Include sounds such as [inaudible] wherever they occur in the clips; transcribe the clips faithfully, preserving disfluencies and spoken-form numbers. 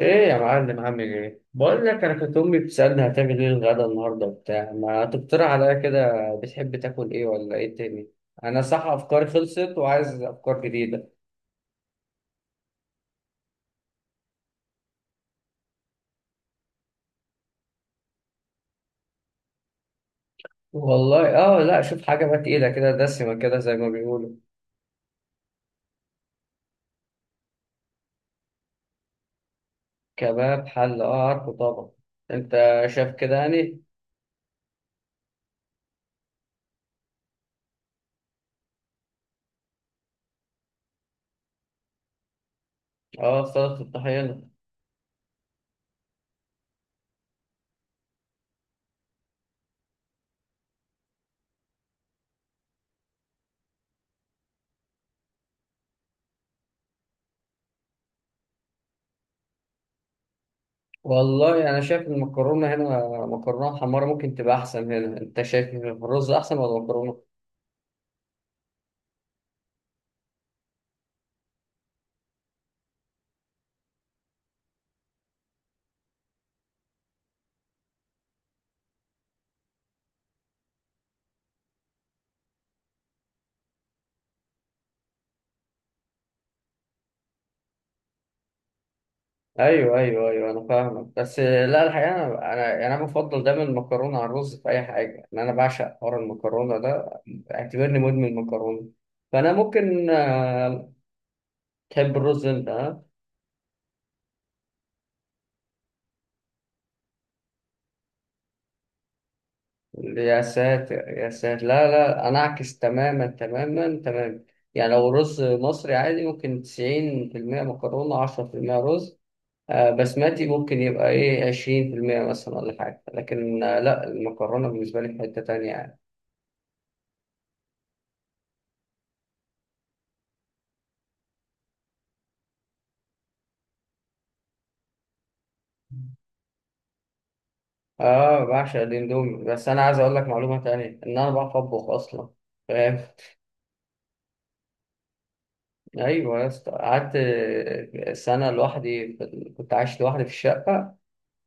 ايه يا معلم، عامل ايه؟ بقول لك، انا كانت امي بتسالني هتعمل ايه الغدا النهارده وبتاع، ما تقترح عليا كده؟ بتحب تاكل ايه ولا ايه تاني؟ انا صح افكاري خلصت وعايز افكار جديده. والله اه، لا شوف حاجه بقى تقيله كده، دسمه كده، زي ما بيقولوا. كباب حله، اه عارفه طبعا. انت شايف كده يعني؟ اه، سلطه الطحينه. والله انا شايف المكرونه هنا، مكرونه حمارة ممكن تبقى احسن هنا. انت شايف الرز احسن ولا المكرونه؟ ايوه، ايوه، ايوه، انا فاهمك. بس لا الحقيقه، انا انا يعني انا بفضل دايما المكرونه على الرز في اي حاجه، ان انا بعشق حوار المكرونه ده. اعتبرني مدمن مكرونه. فانا ممكن آه، تحب الرز انت؟ ها؟ يا ساتر، يا ساتر! لا لا، انا اعكس تماما تماما تماما. يعني لو رز مصري عادي ممكن تسعين في المية، مكرونه عشرة في المية. رز آه، بسمتي ممكن يبقى ايه عشرين في المية مثلا ولا حاجه. لكن آه، لا المكرونه بالنسبه لي في حته تانيه يعني. اه بعشق الاندومي. بس انا عايز اقول لك معلومه تانية، ان انا بعرف اطبخ اصلا، فاهم؟ [laughs] ايوه يا اسطى، قعدت سنه لوحدي في ال- كنت عايش لوحدي في الشقه.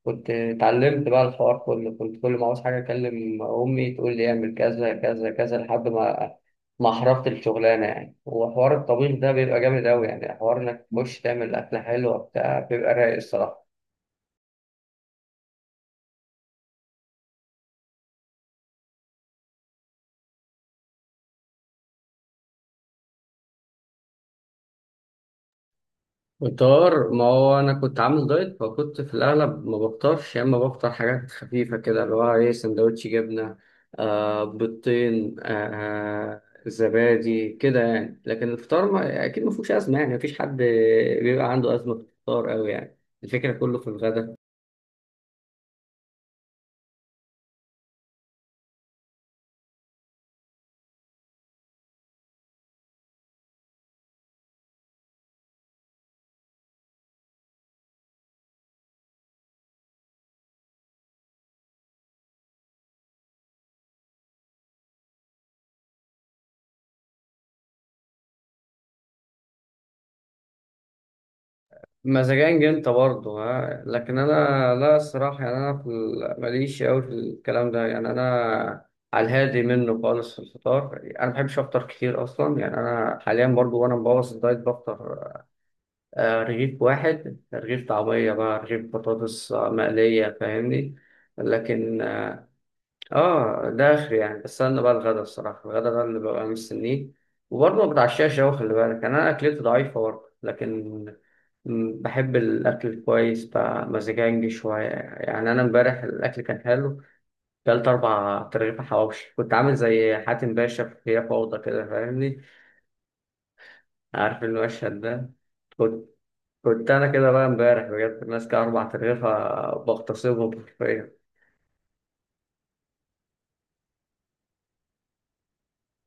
كنت اتعلمت بقى الحوار كله، كنت كل ما عاوز حاجه اكلم امي تقول لي اعمل كذا كذا كذا، لحد ما ما حرفت الشغلانه يعني. وحوار الطبيخ ده بيبقى جامد قوي يعني، حوار انك تخش تعمل اكله حلوه بتاع بيبقى رايق الصراحه. فطار؟ ما هو انا كنت عامل دايت، فكنت في الاغلب ما بفطرش، يا اما بفطر حاجات خفيفه كده، اللي هو ايه، سندوتش جبنه، آه بيضتين، آه آه، زبادي كده يعني. لكن الفطار ما اكيد ما فيهوش ازمه يعني، مفيش حد بيبقى عنده ازمه في الفطار قوي يعني. الفكره كله في الغدا. مزاجنج انت برضه؟ ها؟ لكن انا لا الصراحه يعني، انا في ال- ماليش قوي في الكلام ده يعني. انا على الهادي منه خالص في الفطار، انا ما بحبش افطر كتير اصلا يعني. انا حاليا برضه وانا مبوظ الدايت بفطر آه، رغيف واحد، رغيف طعميه بقى، رغيف بطاطس آه، مقليه، فاهمني؟ لكن آه، اه ده اخر يعني. بستنى بقى الغدا الصراحه، الغدا ده اللي ببقى مستنيه. وبرضه ما بتعشاش قوي خلي بالك يعني، انا اكلتي ضعيفه برضه. لكن م- بحب الاكل الكويس بقى، مزاجنجي شويه يعني. انا امبارح الاكل كان حلو، كلت اربع ترغيفه حواوشي، كنت عامل زي حاتم باشا في هي فوضى كده، فاهمني؟ عارف المشهد ده؟ كنت كنت انا كده بقى امبارح بجد ماسك اربع ترغيفه بغتصبهم حرفيا.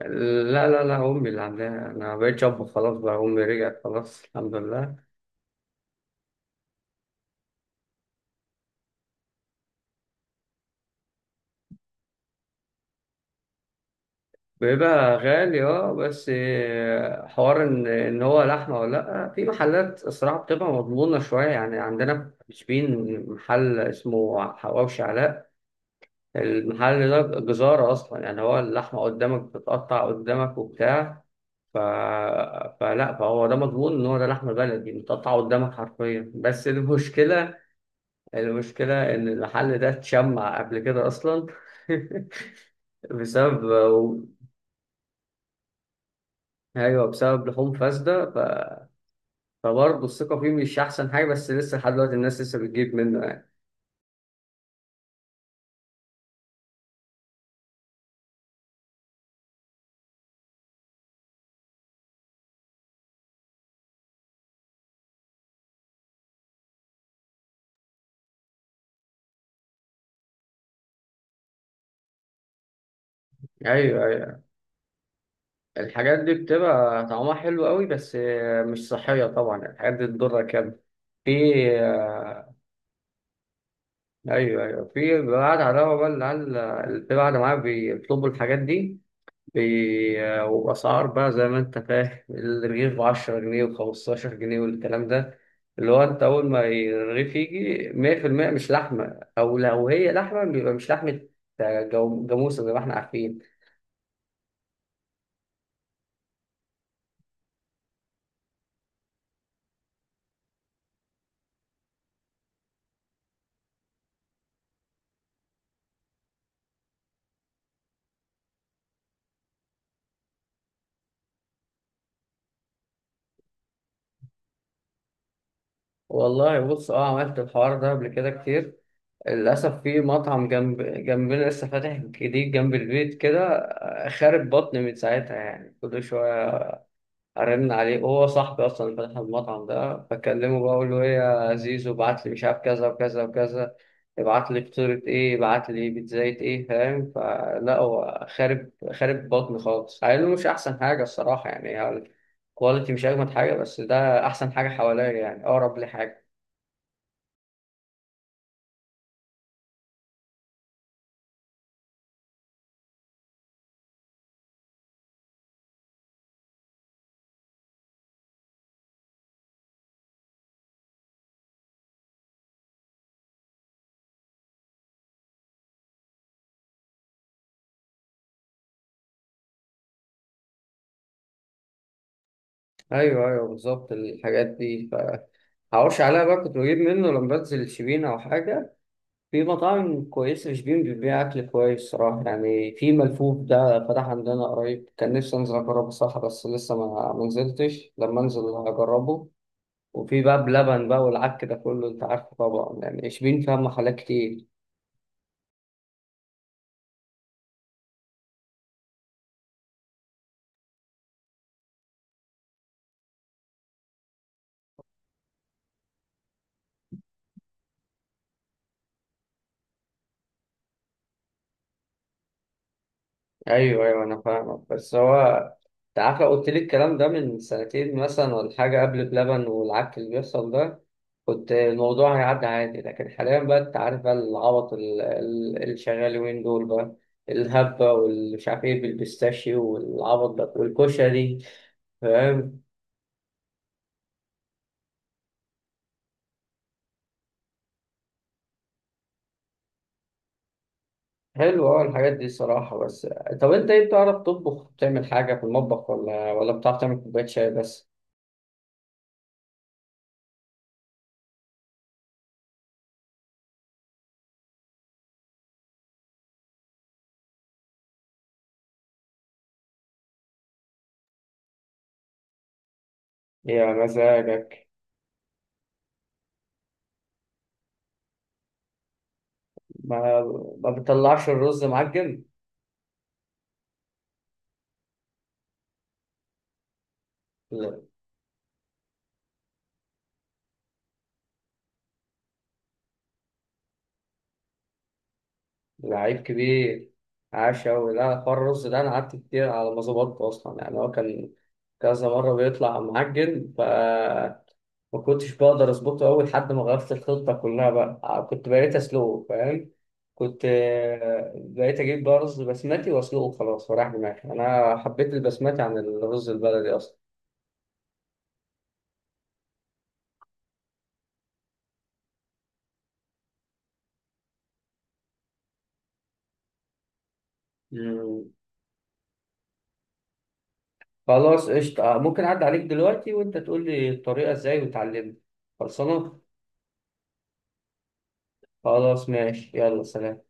لا، لا، لا، أمي اللي عاملاها. أنا مبقتش أطبخ خلاص بقى، أمي رجعت خلاص الحمد لله. بيبقى غالي أه. بس آه، حوار إن إن هو لحمة ولا لأ، في محلات الصراحة بتبقى مضمونة شوية يعني. عندنا في شبين محل اسمه حواوشي علاء. المحل ده جزارة أصلا يعني، هو اللحمة قدامك بتتقطع قدامك وبتاع. ف... فلا فهو ده مضمون ان هو ده لحم بلدي متقطع قدامك حرفيا. بس المشكله المشكلة إن المحل ده اتشمع قبل كده أصلا، [laughs] بسبب... أيوه بسبب لحوم فاسدة. ف... فبرضه الثقة فيه مش أحسن حاجة، بس لسه لحد دلوقتي الناس لسه بتجيب منه يعني. أيوه، أيوه، الحاجات دي بتبقى طعمها حلو قوي، بس مش صحية طبعا، الحاجات دي تضرك يعني. في... أيوه، أيوه، في بعد على بقى العيال اللي قاعدة معايا بيطلبوا الحاجات دي، ب- وبأسعار بقى زي ما أنت فاهم، الرغيف بعشرة جنيه وخمستاشر جنيه والكلام ده. اللي هو أنت أول ما الرغيف يجي مية في المية مش لحمة، أو لو هي لحمة بيبقى مش لحمة، جو- جاموسة زي ما إحنا عارفين. والله بص أه، عملت الحوار ده قبل كده كتير. للأسف في مطعم جنب جنبنا لسه فاتح جديد جنب البيت كده، آه، خارب بطني من ساعتها يعني، كل شوية ارن عليه، وهو صاحبي اصلا اللي فتح المطعم ده، بكلمه بقى اقول له ايه يا زيزو، ابعت لي مش عارف كذا وكذا وكذا، ابعت لي فطيرة ايه، ابعت لي بيتزاية ايه، فاهم؟ فلا هو خارب خارب بطني خالص، قال له مش احسن حاجة الصراحة يعني، هو الكواليتي مش اجمد حاجة، بس ده احسن حاجة حواليا يعني، اقرب لي حاجة. ايوه، ايوه، بالظبط الحاجات دي فهقولش عليها بقى. كنت بجيب منه لما بنزل الشبين او حاجة. في مطاعم كويسة في شبين بتبيع أكل كويس صراحة يعني. في ملفوف ده فتح عندنا قريب، كان نفسي أنزل أجربه صح، بس لسه ما ما نزلتش، لما أنزل هجربه. وفي بقى بلبن بقى والعك ده كله، أنت عارفه طبعا يعني، شبين فيها محلات كتير. ايوه، ايوه، انا فاهمك. بس هو تعالى قلت لي الكلام ده من سنتين مثلا ولا حاجه، قبل بلبن والعك اللي بيحصل ده، كنت الموضوع هيعدي عادي. لكن حاليا بقى انت عارف بقى، العبط ال- ال- اللي شغال وين دول بقى، الهبه والمش عارف ايه بالبيستاشيو والعبط ده والكشري، فاهم؟ حلو اه، الحاجات دي صراحه. بس طب انت ايه، بتعرف تطبخ، بتعمل حاجه في المطبخ، ولا ولا بتعرف تعمل كوبايه شاي بس؟ يا مزاجك! ما ما بتطلعش الرز معجن، لعيب كبير، عاش أوي. لا حوار الرز ده أنا قعدت كتير على ما ظبطته أصلا يعني، هو كان كذا مرة بيطلع معجن، ف ما كنتش بقدر أظبطه أوي لحد ما غيرت الخطة كلها بقى، آه، كنت بقيت أسلقه فاهم؟ كنت آه، بقيت أجيب بقى رز بسمتي وأسلقه خلاص، وراح دماغي أنا حبيت البسمتي عن الرز البلدي أصلا. مم. خلاص قشطة، آه، ممكن أعدي عليك دلوقتي وأنت تقول لي الطريقة إزاي وتعلمني. خلصانة. خلاص ماشي، يلا سلام.